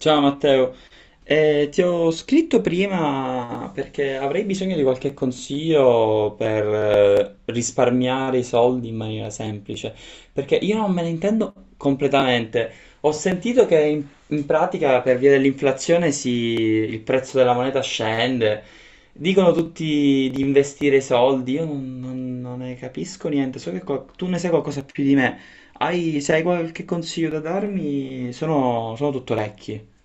Ciao Matteo, ti ho scritto prima perché avrei bisogno di qualche consiglio per risparmiare i soldi in maniera semplice, perché io non me ne intendo completamente. Ho sentito che in pratica per via dell'inflazione si- il prezzo della moneta scende, dicono tutti di investire i soldi, io non ne capisco niente, so che qual- tu ne sai qualcosa più di me. Se hai qualche consiglio da darmi, sono tutto orecchi.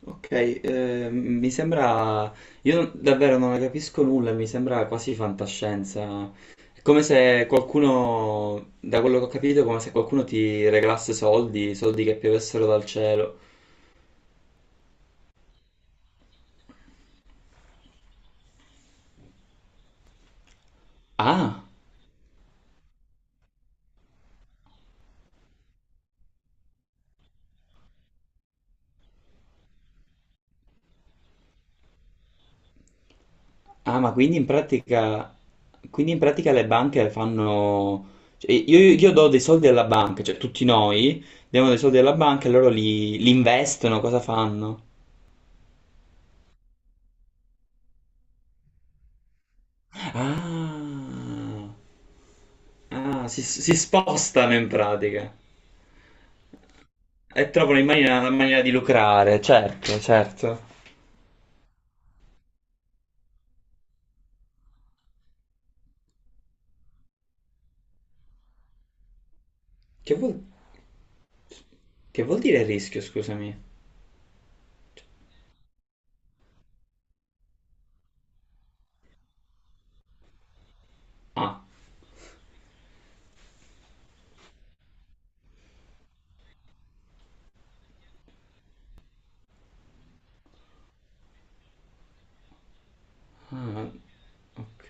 Ok, mi sembra, io non- davvero non ne capisco nulla, mi sembra quasi fantascienza. È come se qualcuno, da quello che ho capito, è come se qualcuno ti regalasse soldi, soldi che piovessero dal cielo. Ah, ah, ma quindi in pratica le banche fanno, cioè, io do dei soldi alla banca, cioè tutti noi diamo dei soldi alla banca e loro li investono, cosa fanno? Ah. Ah, si spostano in pratica e trovano in maniera, una maniera di lucrare, certo, certo. Che vuol, che vuol dire rischio, scusami? Ah, ah, ok.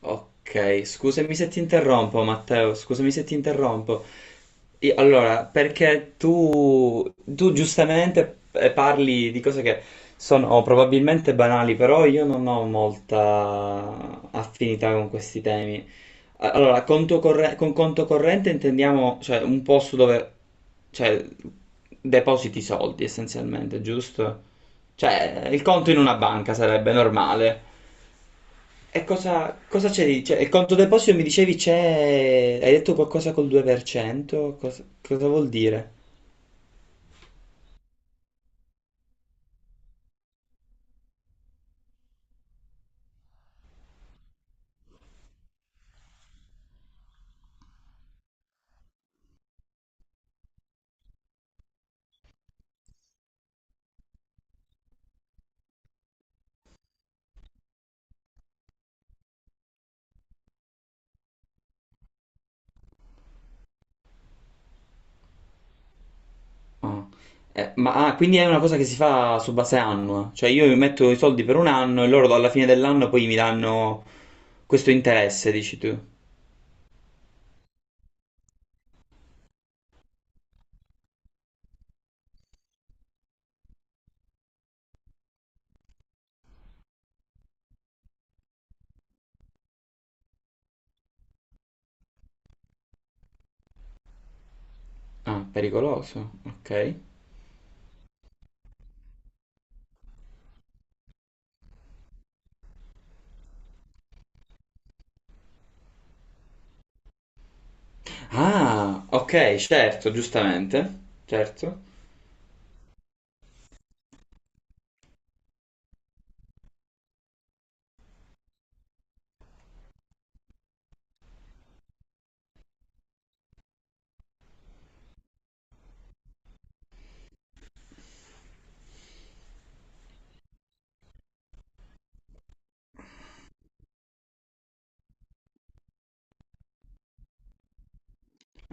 Ok, scusami se ti interrompo, Matteo, scusami se ti interrompo. Io- Allora, perché tu giustamente parli di cose che sono oh, probabilmente banali, però io non ho molta affinità con questi temi. A- Allora, conto corre- con conto corrente intendiamo, cioè, un posto dove, cioè, depositi soldi essenzialmente, giusto? Cioè, il conto in una banca sarebbe normale. E cosa c'è di. Cioè, il conto deposito mi dicevi c'è. Hai detto qualcosa col 2%? Cosa vuol dire? Ah. Ma quindi è una cosa che si fa su base annua. Cioè, io metto i soldi per un anno e loro alla fine dell'anno poi mi danno questo interesse, dici tu. Ah, pericoloso, ok. Ah, ok, certo, giustamente, certo.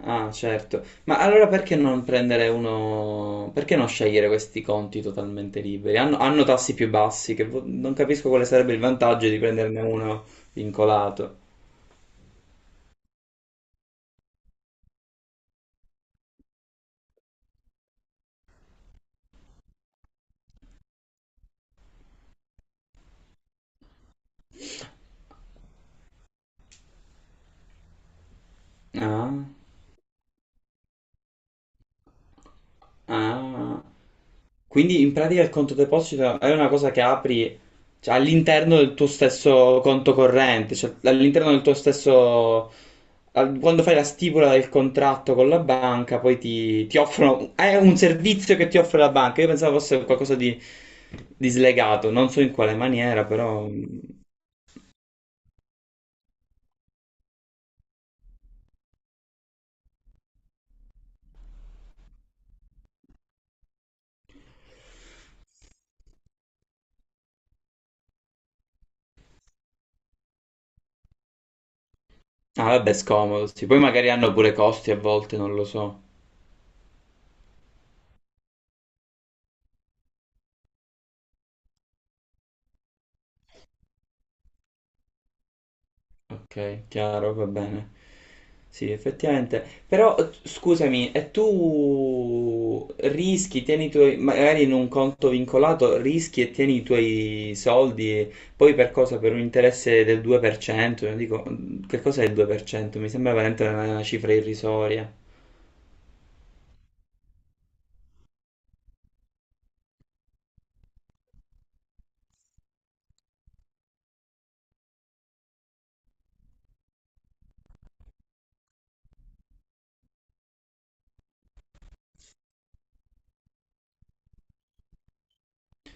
Ah, certo. Ma allora perché non prendere uno. Perché non scegliere questi conti totalmente liberi? Hanno tassi più bassi, che vo- non capisco quale sarebbe il vantaggio di prenderne uno vincolato. Ah, ah. Quindi in pratica il conto deposito è una cosa che apri, cioè, all'interno del tuo stesso conto corrente, cioè all'interno del tuo stesso. Al- Quando fai la stipula del contratto con la banca, poi ti offrono. È un servizio che ti offre la banca. Io pensavo fosse qualcosa di slegato, non so in quale maniera, però. Ah, vabbè, scomodo, sì. Poi magari hanno pure costi a volte, non lo so. Ok, chiaro, va bene. Sì, effettivamente. Però scusami, e tu rischi, tieni i tuoi, magari in un conto vincolato, rischi e tieni i tuoi soldi, e poi per cosa? Per un interesse del 2%? Io dico, che cos'è il 2%? Mi sembra veramente una cifra irrisoria.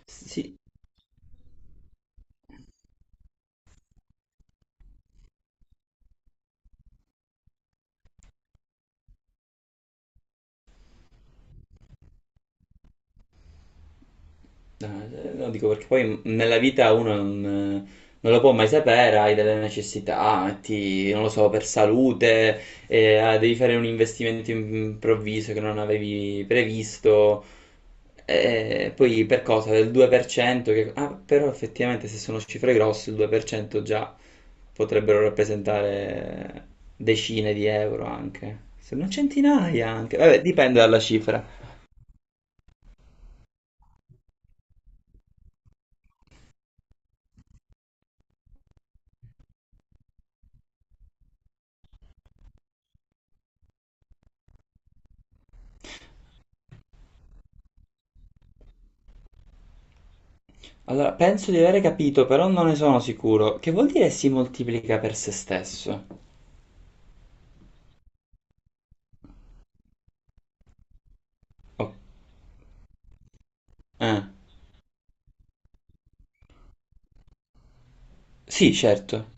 Sì, no, no, dico perché poi nella vita uno eh, non lo può mai sapere, hai delle necessità, ti- non lo so, per salute, devi fare un investimento improvviso che non avevi previsto, poi per cosa? Del 2%, che, però effettivamente se sono cifre grosse il 2% già potrebbero rappresentare decine di euro anche, se non centinaia anche, vabbè, dipende dalla cifra. Allora, penso di aver capito, però non ne sono sicuro. Che vuol dire si moltiplica per se stesso? Oh, eh. Sì, certo.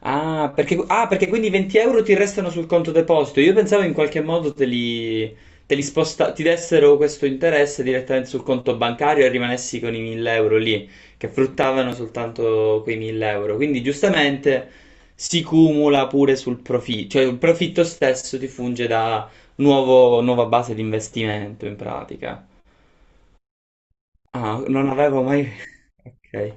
Ah perché quindi 20 euro ti restano sul conto deposito. Io pensavo in qualche modo te li sposta, ti dessero questo interesse direttamente sul conto bancario e rimanessi con i 1000 euro lì, che fruttavano soltanto quei 1000 euro. Quindi giustamente si cumula pure sul profitto, cioè il profitto stesso ti funge da nuovo- nuova base di investimento in pratica. Ah, non avevo mai. Ok.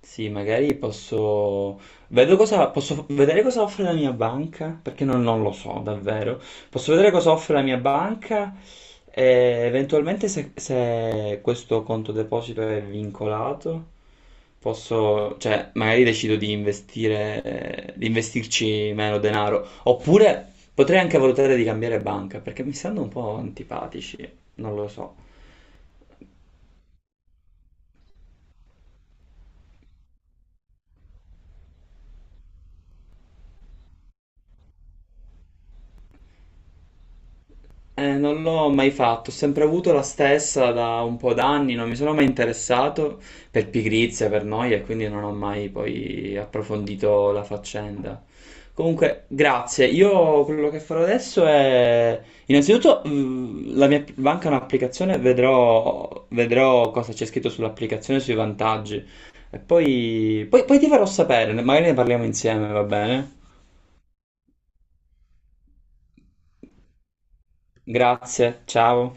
Sì, magari posso. Vedo cosa. Posso vedere cosa offre la mia banca, perché non lo so davvero. Posso vedere cosa offre la mia banca e eventualmente se questo conto deposito è vincolato, posso. Cioè, magari decido di investire, di investirci meno denaro. Oppure potrei anche valutare di cambiare banca, perché mi stanno un po' antipatici, non lo so. Non l'ho mai fatto, ho sempre avuto la stessa da un po' d'anni, non mi sono mai interessato per pigrizia, per noia, e quindi non ho mai poi approfondito la faccenda. Comunque, grazie. Io quello che farò adesso è, innanzitutto, la mia banca è un'applicazione, vedrò cosa c'è scritto sull'applicazione, sui vantaggi, e poi ti farò sapere, magari ne parliamo insieme, va bene? Grazie, ciao.